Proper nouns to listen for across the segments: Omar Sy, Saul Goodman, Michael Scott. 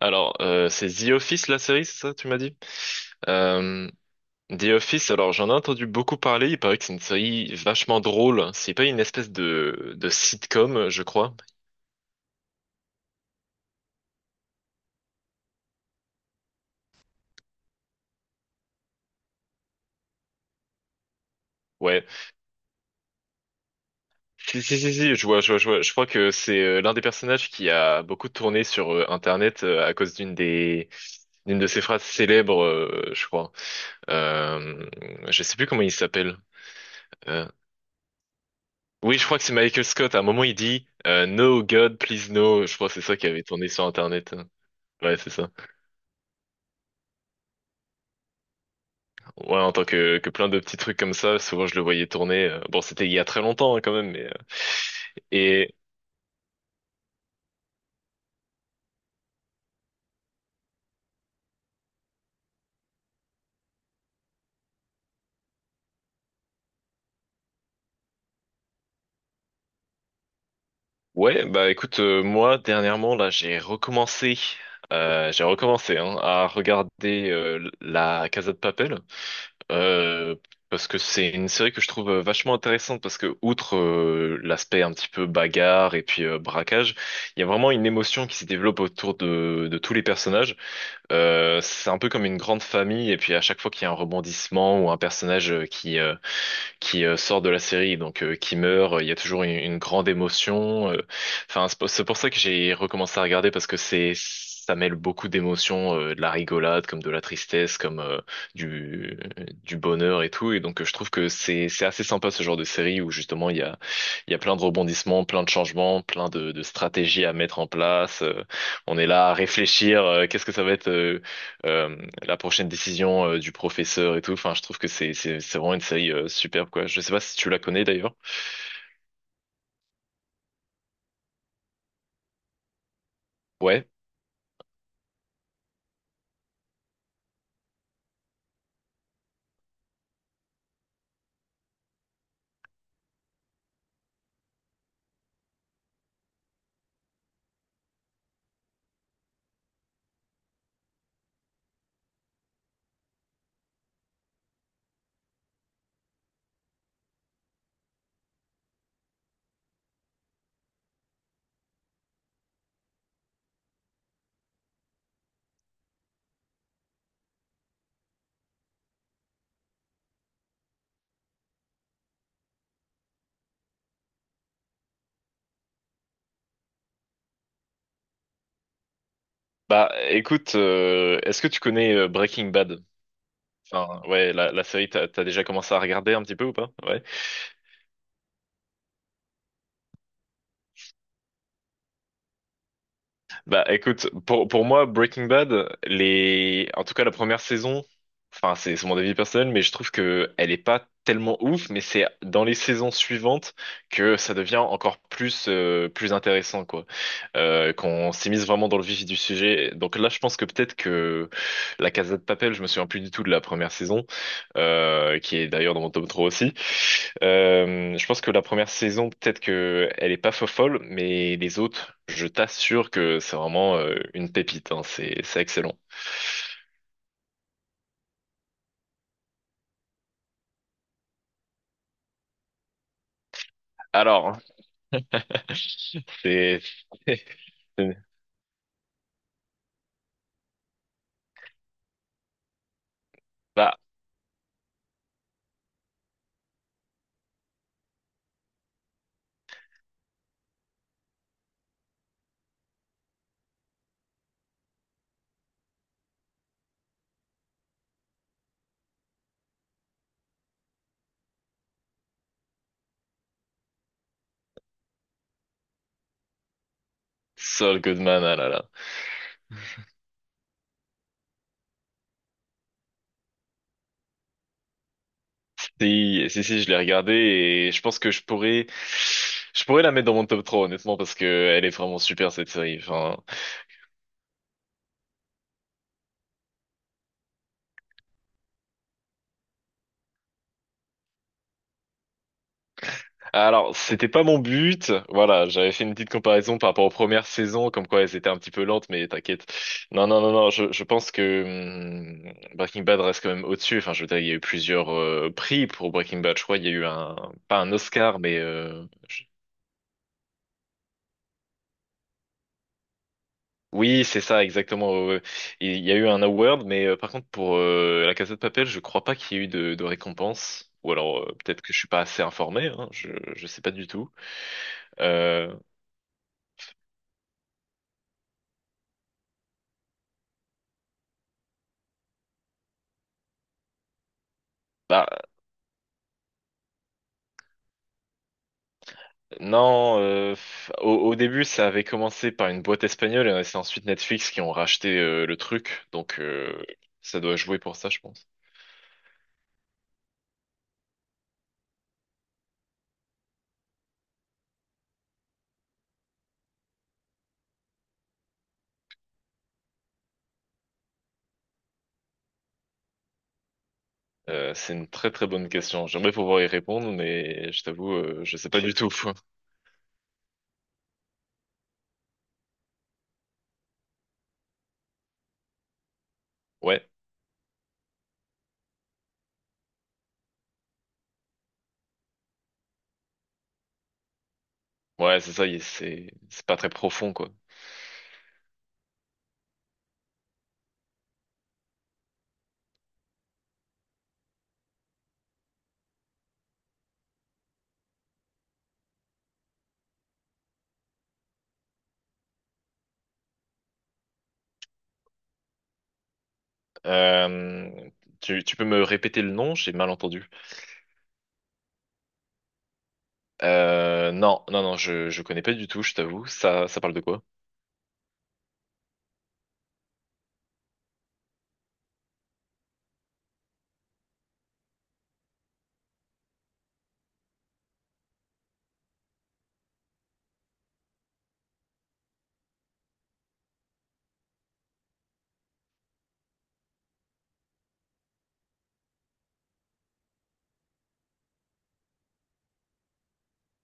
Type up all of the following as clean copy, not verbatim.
Alors, c'est The Office, la série, c'est ça, tu m'as dit? Euh, The Office, alors j'en ai entendu beaucoup parler, il paraît que c'est une série vachement drôle. C'est pas une espèce de sitcom, je crois. Ouais. Si, si, si, si, je vois, je vois, je vois. Je crois que c'est l'un des personnages qui a beaucoup tourné sur Internet à cause d'une de ses phrases célèbres, je crois. Euh, je sais plus comment il s'appelle. Euh, oui, je crois que c'est Michael Scott. À un moment, il dit No God, please no. Je crois que c'est ça qui avait tourné sur Internet. Ouais, c'est ça. Ouais, en tant que plein de petits trucs comme ça, souvent je le voyais tourner. Bon, c'était il y a très longtemps hein, quand même, mais et ouais, bah écoute, moi, dernièrement, là, j'ai recommencé hein, à regarder la Casa de Papel, euh, parce que c'est une série que je trouve vachement intéressante, parce que outre l'aspect un petit peu bagarre et puis braquage, il y a vraiment une émotion qui se développe autour de tous les personnages. C'est un peu comme une grande famille, et puis à chaque fois qu'il y a un rebondissement ou un personnage qui sort de la série, donc qui meurt, il y a toujours une grande émotion. Enfin, c'est pour ça que j'ai recommencé à regarder parce que c'est ça mêle beaucoup d'émotions, de la rigolade, comme de la tristesse, comme du du bonheur et tout. Et donc je trouve que c'est assez sympa ce genre de série où justement il y a plein de rebondissements, plein de changements, plein de stratégies à mettre en place. On est là à réfléchir, qu'est-ce que ça va être. Euh, la prochaine décision du professeur et tout. Enfin, je trouve que c'est vraiment une série superbe quoi. Je sais pas si tu la connais d'ailleurs. Ouais. Bah écoute, est-ce que tu connais Breaking Bad? Enfin, ouais, la série, t'as déjà commencé à regarder un petit peu ou pas? Ouais. Bah écoute, pour moi, Breaking Bad, les... en tout cas la première saison, enfin c'est mon avis personnel, mais je trouve que elle est pas tellement ouf, mais c'est dans les saisons suivantes que ça devient encore plus, plus intéressant, quoi. Qu'on s'immisce vraiment dans le vif du sujet. Donc là, je pense que peut-être que La Casa de Papel, je me souviens plus du tout de la première saison, qui est d'ailleurs dans mon tome 3 aussi. Je pense que la première saison, peut-être que elle est pas folle, mais les autres, je t'assure que c'est vraiment une pépite, hein, c'est excellent. Alors, c'est bah Saul Goodman, ah là là. Si si si, je l'ai regardé et je pense que je pourrais la mettre dans mon top 3 honnêtement parce que elle est vraiment super cette série. Enfin, alors, c'était pas mon but. Voilà, j'avais fait une petite comparaison par rapport aux premières saisons, comme quoi elles étaient un petit peu lentes, mais t'inquiète. Non, non, non, non, je pense que Breaking Bad reste quand même au-dessus. Enfin, je veux dire, il y a eu plusieurs prix pour Breaking Bad. Je crois qu'il y a eu un, pas un Oscar, mais oui, c'est ça, exactement. Ouais, ouais. Il y a eu un award, mais par contre, pour La Casa de Papel, je crois pas qu'il y ait eu de récompense. Ou alors, peut-être que je suis pas assez informé, hein, je sais pas du tout. Euh, bah, Non, au, au début, ça avait commencé par une boîte espagnole et c'est ensuite Netflix qui ont racheté le truc. Donc, ça doit jouer pour ça, je pense. C'est une très très bonne question. J'aimerais pouvoir y répondre, mais je t'avoue, je sais pas du tout. Ouais, ouais, c'est ça. C'est pas très profond, quoi. Euh, tu peux me répéter le nom? J'ai mal entendu. Non, non, non, je connais pas du tout, je t'avoue. Ça parle de quoi?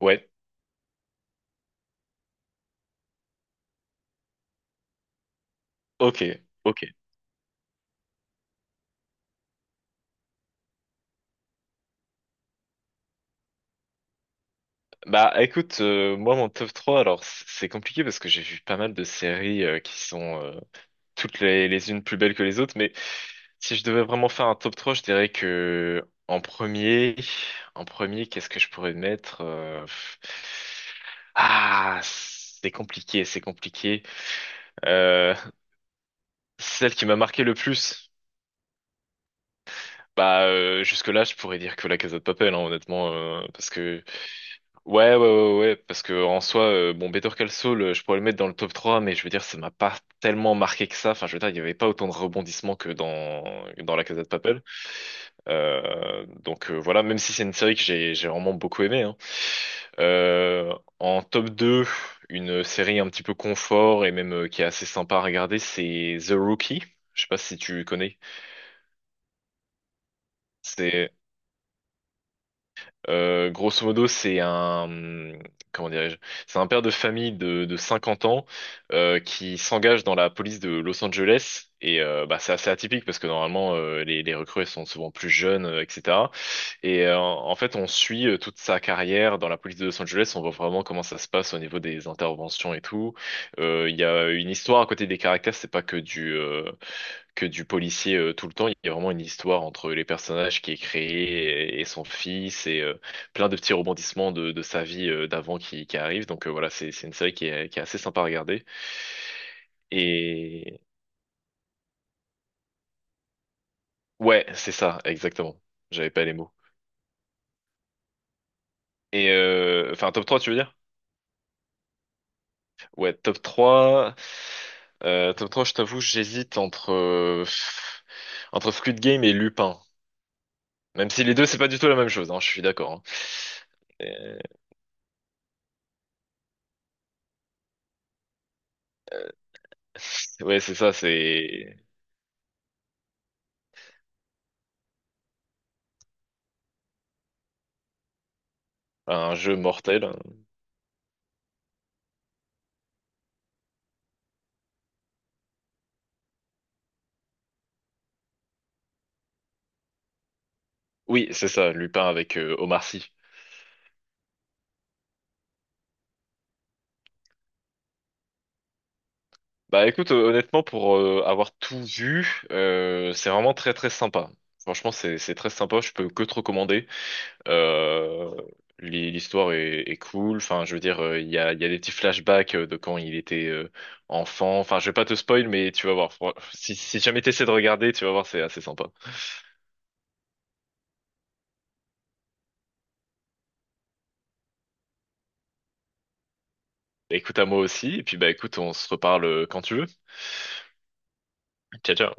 Ouais, ok, ok. Bah écoute, moi mon top trois, alors c'est compliqué parce que j'ai vu pas mal de séries qui sont, toutes les unes plus belles que les autres, mais si je devais vraiment faire un top 3, je dirais que en premier, qu'est-ce que je pourrais mettre? Pff. Ah, c'est compliqué, c'est compliqué. Euh, celle qui m'a marqué le plus. Bah jusque-là, je pourrais dire que la Casa de Papel, hein, honnêtement, parce que ouais, ouais, ouais, ouais, parce que en soi, bon, Better Call Saul, je pourrais le mettre dans le top 3, mais je veux dire, ça m'a pas tellement marqué que ça. Enfin, je veux dire, il y avait pas autant de rebondissements que dans la Casa de Papel. Voilà, même si c'est une série que j'ai vraiment beaucoup aimé hein. Euh, en top 2 une série un petit peu confort et même qui est assez sympa à regarder, c'est The Rookie. Je sais pas si tu connais. Grosso modo, comment dirais-je, c'est un père de famille de 50 ans qui s'engage dans la police de Los Angeles. Et bah, c'est assez atypique parce que normalement, les recrues elles sont souvent plus jeunes, etc. Et en fait, on suit toute sa carrière dans la police de Los Angeles. On voit vraiment comment ça se passe au niveau des interventions et tout. Il y a une histoire à côté des caractères. C'est pas que du policier tout le temps. Il y a vraiment une histoire entre les personnages qui est créée et son fils et plein de petits rebondissements de sa vie d'avant qui arrivent. Donc voilà, c'est une série qui est assez sympa à regarder. Et ouais, c'est ça, exactement. J'avais pas les mots. Et enfin, top 3, tu veux dire? Ouais, top 3. Top 3. Je t'avoue, j'hésite entre, entre Squid Game et Lupin. Même si les deux, c'est pas du tout la même chose, hein, je suis d'accord. hein. Euh, Ouais, c'est ça, c'est un jeu mortel. Oui, c'est ça, Lupin avec Omar Sy. Bah écoute, honnêtement, pour avoir tout vu, c'est vraiment très très sympa. Franchement, c'est très sympa, je peux que te recommander. Euh, l'histoire est cool, enfin je veux dire, il y a des petits flashbacks de quand il était enfant. Enfin, je vais pas te spoil, mais tu vas voir. Si jamais t'essaies de regarder, tu vas voir, c'est assez sympa. Bah, écoute à moi aussi, et puis bah écoute, on se reparle quand tu veux. Ciao, ciao.